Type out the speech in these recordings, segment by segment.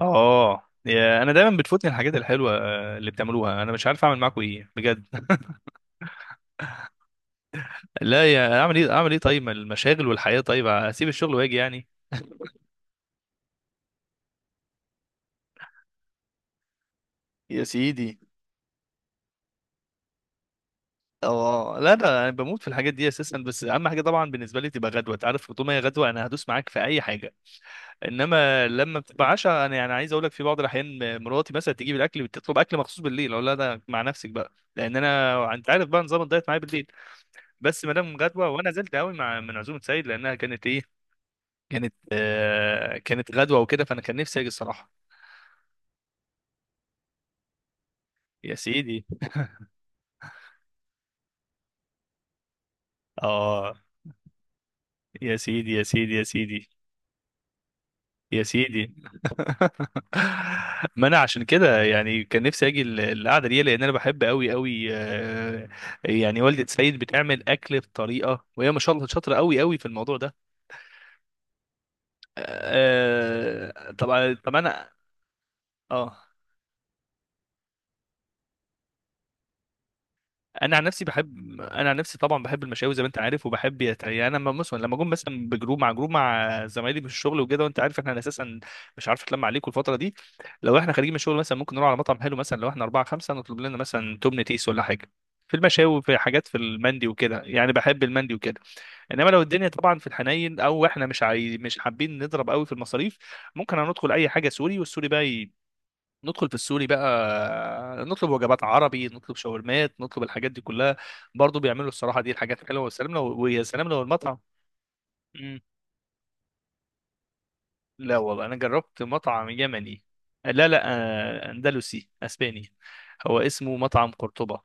اه يا انا دايما بتفوتني الحاجات الحلوه اللي بتعملوها، انا مش عارف اعمل معاكم ايه بجد. لا يا اعمل ايه اعمل ايه، طيب ما المشاغل والحياه، طيب اسيب الشغل واجي يعني؟ يا سيدي. اه، لا ده انا بموت في الحاجات دي اساسا، بس اهم حاجه طبعا بالنسبه لي تبقى غدوه، انت عارف طول ما هي غدوه انا هدوس معاك في اي حاجه. انما لما بتبقى عشاء انا يعني عايز اقول لك، في بعض الاحيان مراتي مثلا تجيب الاكل، بتطلب اكل مخصوص بالليل، اقول لها ده مع نفسك بقى، لان انا انت عارف بقى نظام الدايت معايا بالليل. بس ما دام غدوه وانا زلت قوي مع عزومه سيد، لانها كانت ايه، كانت كانت غدوة وكده، فأنا كان نفسي أجي الصراحة. يا سيدي. آه، يا سيدي يا سيدي يا سيدي يا سيدي. ما أنا عشان كده يعني كان نفسي أجي القعدة دي، لأن أنا بحب أوي أوي آه. يعني والدة سيد بتعمل أكل بطريقة، وهي ما شاء الله شاطرة أوي أوي في الموضوع ده. آه طبعا طبعا أنا. آه، انا عن نفسي بحب، انا عن نفسي طبعا بحب المشاوي زي ما انت عارف، وبحب يعني انا لما مثلا لما اكون مثلا بجروب مع جروب مع زمايلي في الشغل وكده، وانت عارف احنا اساسا مش عارف اتلم عليكم الفتره دي. لو احنا خارجين من الشغل مثلا ممكن نروح على مطعم حلو، مثلا لو احنا اربعه خمسه نطلب لنا مثلا تمن تيس ولا حاجه. في المشاوي، في حاجات في المندي وكده، يعني بحب المندي وكده. انما لو الدنيا طبعا في الحنين، او احنا مش حابين نضرب قوي في المصاريف، ممكن هندخل اي حاجه سوري، والسوري بقى ندخل في السوري بقى، نطلب وجبات عربي، نطلب شاورمات، نطلب الحاجات دي كلها. برضو بيعملوا الصراحة دي الحاجات حلوة والسلام، ويا سلام لو المطعم. مم. لا والله أنا جربت مطعم يمني، لا لا، آه، أندلسي أسباني، هو اسمه مطعم قرطبة.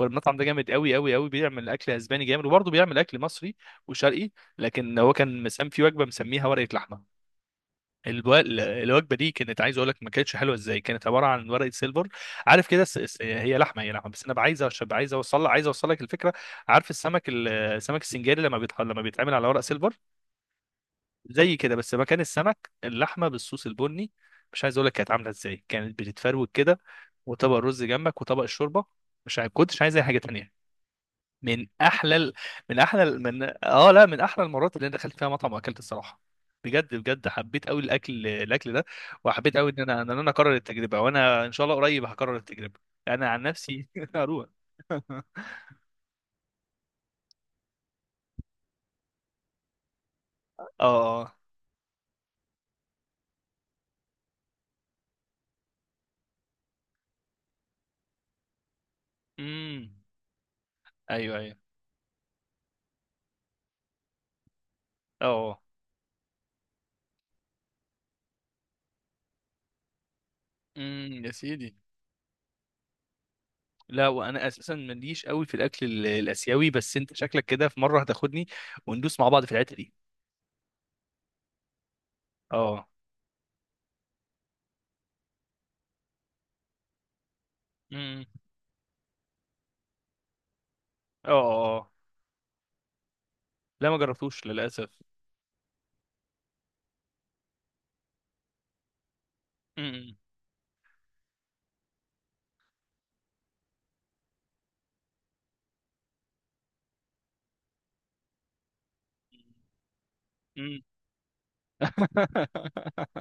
المطعم ده جامد قوي قوي قوي، بيعمل اكل اسباني جامد، وبرضه بيعمل اكل مصري وشرقي. لكن هو كان مسام في وجبه مسميها ورقه لحمه. الو- الوجبه دي كانت عايز اقول لك ما كانتش حلوه ازاي، كانت عباره عن ورقه سيلفر. عارف كده هي لحمه، هي لحمه، بس انا عايز عايز اوصل، عايز اوصل لك الفكره. عارف السمك السمك السنجاري لما لما بيتعمل على ورق سيلفر، زي كده بس مكان السمك اللحمه بالصوص البني. مش عايز اقول لك كانت عامله ازاي، كانت بتتفروت كده، وطبق رز جنبك وطبق الشوربه. مش عايز كنتش عايز اي حاجه تانية. من احلى ال- من احلى ال- من اه لا من احلى المرات اللي انا دخلت فيها مطعم واكلت الصراحه. بجد بجد حبيت قوي الاكل، الاكل ده. وحبيت قوي ان انا اكرر التجربه، وانا ان شاء الله قريب هكرر التجربه. انا عن نفسي هروح. اه. امم ايوه ايوه. اه. يا سيدي. لا وانا اساسا ماليش قوي في الاكل الاسيوي، بس انت شكلك كده في مره هتاخدني، وندوس مع بعض في الحته دي. اه. امم اه. آه، آه. لا ما جربتوش للاسف. امم مم.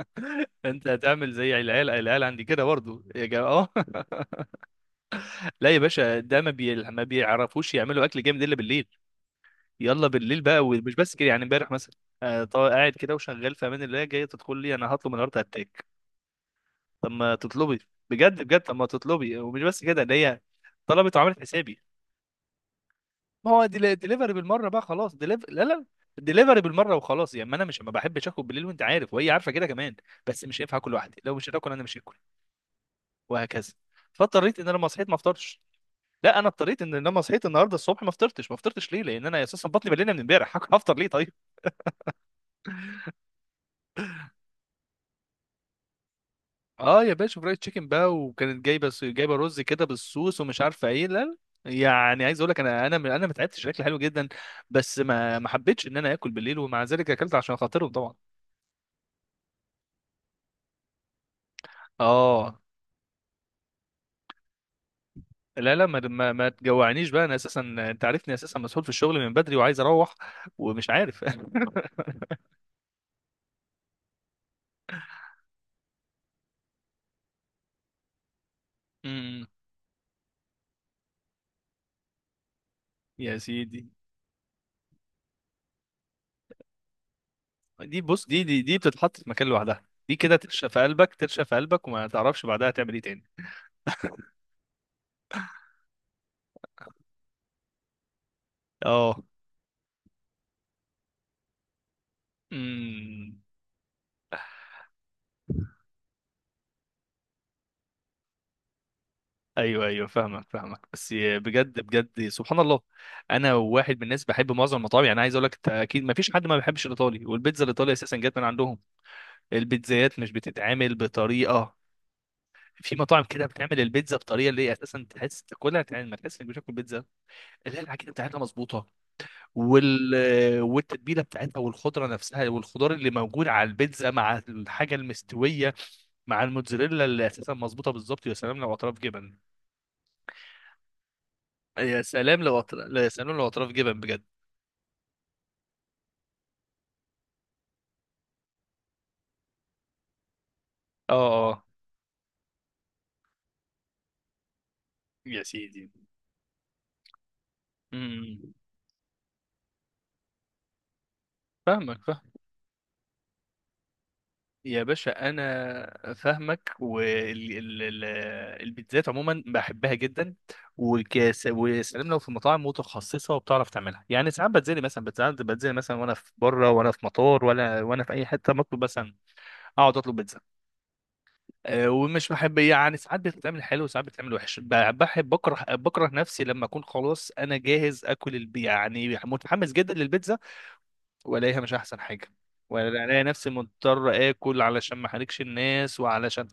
انت هتعمل زي العيال، العيال عندي كده برضو يا جماعه اه. لا يا باشا، ده ما بيعرفوش يعملوا اكل جامد الا بالليل. يلا بالليل بقى، ومش بس كده، يعني امبارح مثلا آه، قاعد كده وشغال في امان الله، جاي تدخل لي، انا هطلب النهارده هتاك. طب ما تطلبي. بجد بجد، طب ما تطلبي، ومش بس كده ده هي طلبت وعملت حسابي. ما هو ديليفري بالمره بقى خلاص، ديليف... لا لا ديليفري بالمره وخلاص، يعني ما انا مش ما بحبش اكل بالليل وانت عارف، وهي عارفه كده كمان. بس مش هينفع اكل لوحدي، لو مش هتاكل انا مش هاكل، وهكذا. فاضطريت ان انا لما صحيت ما افطرش. لا انا اضطريت ان لما صحيت النهارده الصبح ما افطرتش، ما افطرتش ليه، لان انا اساسا بطني مليانه من امبارح، هفطر ليه طيب؟ اه يا باشا، فرايد تشيكن بقى، وكانت جايبه رز كده بالصوص ومش عارفه ايه، لا. يعني عايز اقول لك انا انا ما تعبتش، الاكل حلو جدا، بس ما ما حبيتش ان انا اكل بالليل، ومع ذلك اكلت عشان خاطرهم طبعا. اه، لا لا ما تجوعنيش بقى، انا اساسا انت عارفني اساسا مسؤول في الشغل من بدري وعايز اروح، ومش عارف. أمم، يا سيدي. دي بص، دي بتتحط في مكان لوحدها، دي كده ترشق في قلبك، ترشق في قلبك وما تعرفش بعدها تعمل ايه تاني. اه. امم ايوه ايوه، فاهمك فاهمك، بس بجد بجد سبحان الله. انا واحد من الناس بحب معظم المطاعم، يعني عايز اقول لك أنت اكيد ما فيش حد ما بيحبش الايطالي، والبيتزا الايطالي اساسا جت من عندهم. البيتزايات مش بتتعمل بطريقه، في مطاعم كده بتعمل البيتزا بطريقه اللي هي اساسا تحس تاكلها، ما تحس انك بتاكل بيتزا. اللي هي العجينه بتاعتها مظبوطه، وال والتتبيله بتاعتها والخضره نفسها، والخضار اللي موجود على البيتزا مع الحاجه المستويه، مع الموتزاريلا اللي اساسا مظبوطه بالظبط، يا سلام لو اطراف جبن. يا سلام لو اطراف جبن بجد. اه اه، يا سيدي. امم فاهمك. يا باشا انا فاهمك، والبيتزات عموما بحبها جدا، وكاس وسلام لو في مطاعم متخصصه وبتعرف تعملها، يعني ساعات بتزلي مثلا، بتزلي مثلا، وانا في بره، وانا في مطار، ولا وانا في اي حته بطلب مثلا، اقعد اطلب بيتزا. أه، ومش بحب، يعني ساعات بتتعمل حلو وساعات بتتعمل وحش، بحب بكره نفسي لما اكون خلاص انا جاهز اكل يعني متحمس جدا للبيتزا، والاقيها مش احسن حاجه، والاقي نفسي مضطر اكل علشان ما احرجش الناس، وعلشان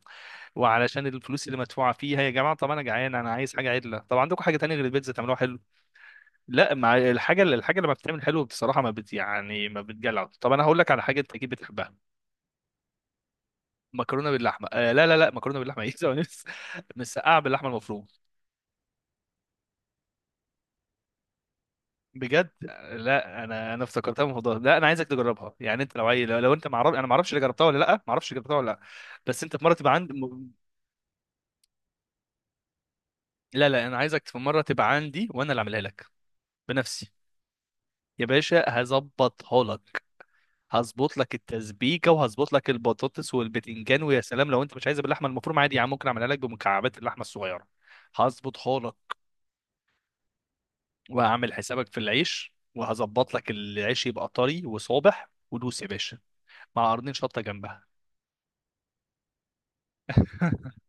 وعلشان الفلوس اللي مدفوعه فيها. يا جماعه طب انا جعان، انا عايز حاجه عدله، طب عندكم حاجه تانية غير البيتزا تعملوها حلو. لا مع الحاجه اللي لما بتتعمل حلو بصراحه ما بت يعني ما بتجلع. طب انا هقول لك على حاجه انت اكيد بتحبها، مكرونه باللحمه. آه لا لا لا، مكرونه باللحمه ايه؟ ثواني بس. مسقعه باللحمه المفرومه. بجد. لا انا افتكرتها من الموضوع ده. لا انا عايزك تجربها، يعني انت لو عايز، لو انت معرف، انا ما اعرفش اللي جربتها ولا لا، ما اعرفش جربتها ولا لا. بس انت في مره تبقى عندك. لا لا انا عايزك في مره تبقى عندي، وانا اللي اعملها لك بنفسي. يا باشا هظبطها لك، هظبط لك التسبيكه، وهظبط لك البطاطس والبتنجان. ويا سلام لو انت مش عايزها باللحمه المفرومه، عادي يا عم ممكن اعملها لك بمكعبات اللحمه الصغيره. هظبطها لك، وهعمل حسابك في العيش، وهظبط لك العيش يبقى طري وصابح ودوس يا باشا، مع قرنين شطه جنبها.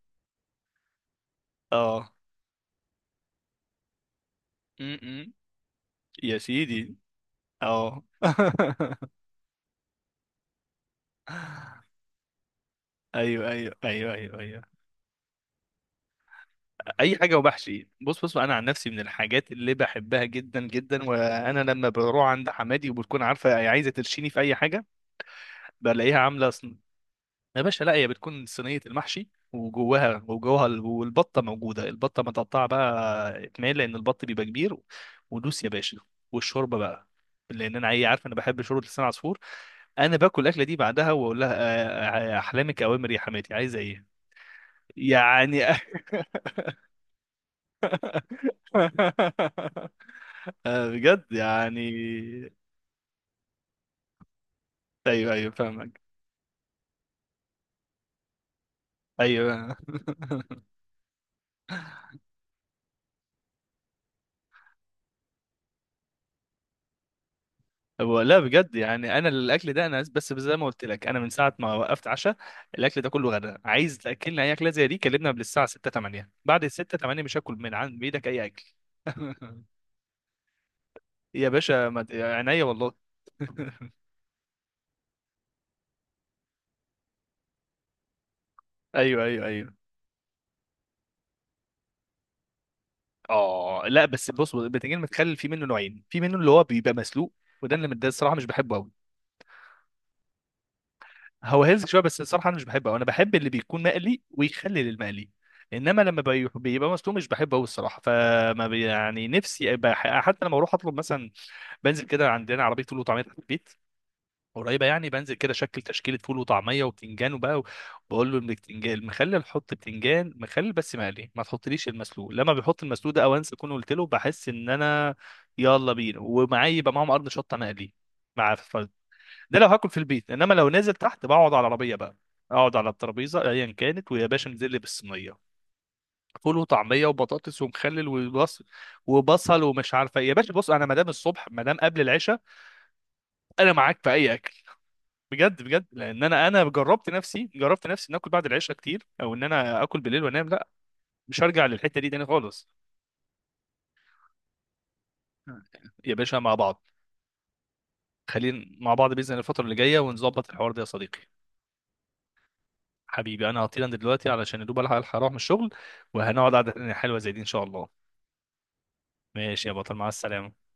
اه. م-م. يا سيدي. اه. ايوه ايوه ايوه ايوه ايوه، اي حاجه وبحشي. بص بص، انا عن نفسي من الحاجات اللي بحبها جدا جدا، وانا لما بروح عند حمادي وبتكون عارفه هي عايزه ترشيني في اي حاجه، بلاقيها عامله يا باشا، لا هي بتكون صينيه المحشي، والبطه موجوده، البطه متقطعه بقى اتنين لان البط بيبقى كبير، ودوس يا باشا. والشوربه بقى، لان انا عارف انا بحب شوربه لسان عصفور. انا باكل الاكله دي بعدها واقول لها آه، آه، احلامك اوامر يا حماتي، عايزه ايه؟ يعني. آه، بجد يعني. ايوه ايوه فاهمك. ايوه. هو لا بجد يعني، انا الاكل ده انا بس زي ما قلت لك، انا من ساعه ما وقفت عشاء، الاكل ده كله غدا. عايز تاكلنا اي اكله زي دي كلمنا قبل الساعه 6 8، بعد ال 6 8 مش هاكل من عند بايدك اي اكل. يا باشا ما ت- عينيا والله. ايوه ايوه ايوه. اه، لا بس بص، البتنجان المتخلل في منه نوعين، في منه اللي هو بيبقى مسلوق، وده اللي ده الصراحه مش بحبه. هو هيلث شويه، بس الصراحه انا مش بحبه، انا بحب اللي بيكون مقلي ويخلي للمقلي. انما بيبقى مسلوق مش بحبه قوي الصراحه، يعني نفسي حتى لما اروح اطلب مثلا، بنزل كده عندنا عربيه فول وطعميه تحت البيت، قريبه، يعني بنزل كده شكل تشكيله فول وطعميه وبتنجان وبقى، بقول له البتنجان المخلل حط بتنجان مخلل بس مقلي، ما تحطليش المسلوق، لما بيحط المسلوق ده او انسى اكون قلت له بحس ان انا، يلا بينا. ومعايا يبقى معاهم قرن شطه مقلي مع، ده لو هاكل في البيت. انما لو نازل تحت بقعد على العربيه بقى، اقعد على الترابيزه ايا كانت، ويا باشا انزل لي بالصينيه، فول وطعميه وبطاطس ومخلل وبصل، ومش عارفه إيه. يا باشا بص، انا مدام الصبح، مدام قبل العشاء، انا معاك في اي اكل. بجد بجد لان انا جربت نفسي، جربت نفسي ان اكل بعد العشاء كتير، او ان انا اكل بالليل وانام، لا، مش هرجع للحته دي تاني خالص. يا باشا مع بعض، خلينا مع بعض باذن الله الفتره اللي جايه، ونظبط الحوار ده يا صديقي. حبيبي انا هطير، انا دلوقتي علشان يا دوب الحق اروح من الشغل، وهنقعد قعده تانية حلوه زي دي ان شاء الله. ماشي يا بطل، مع السلامه.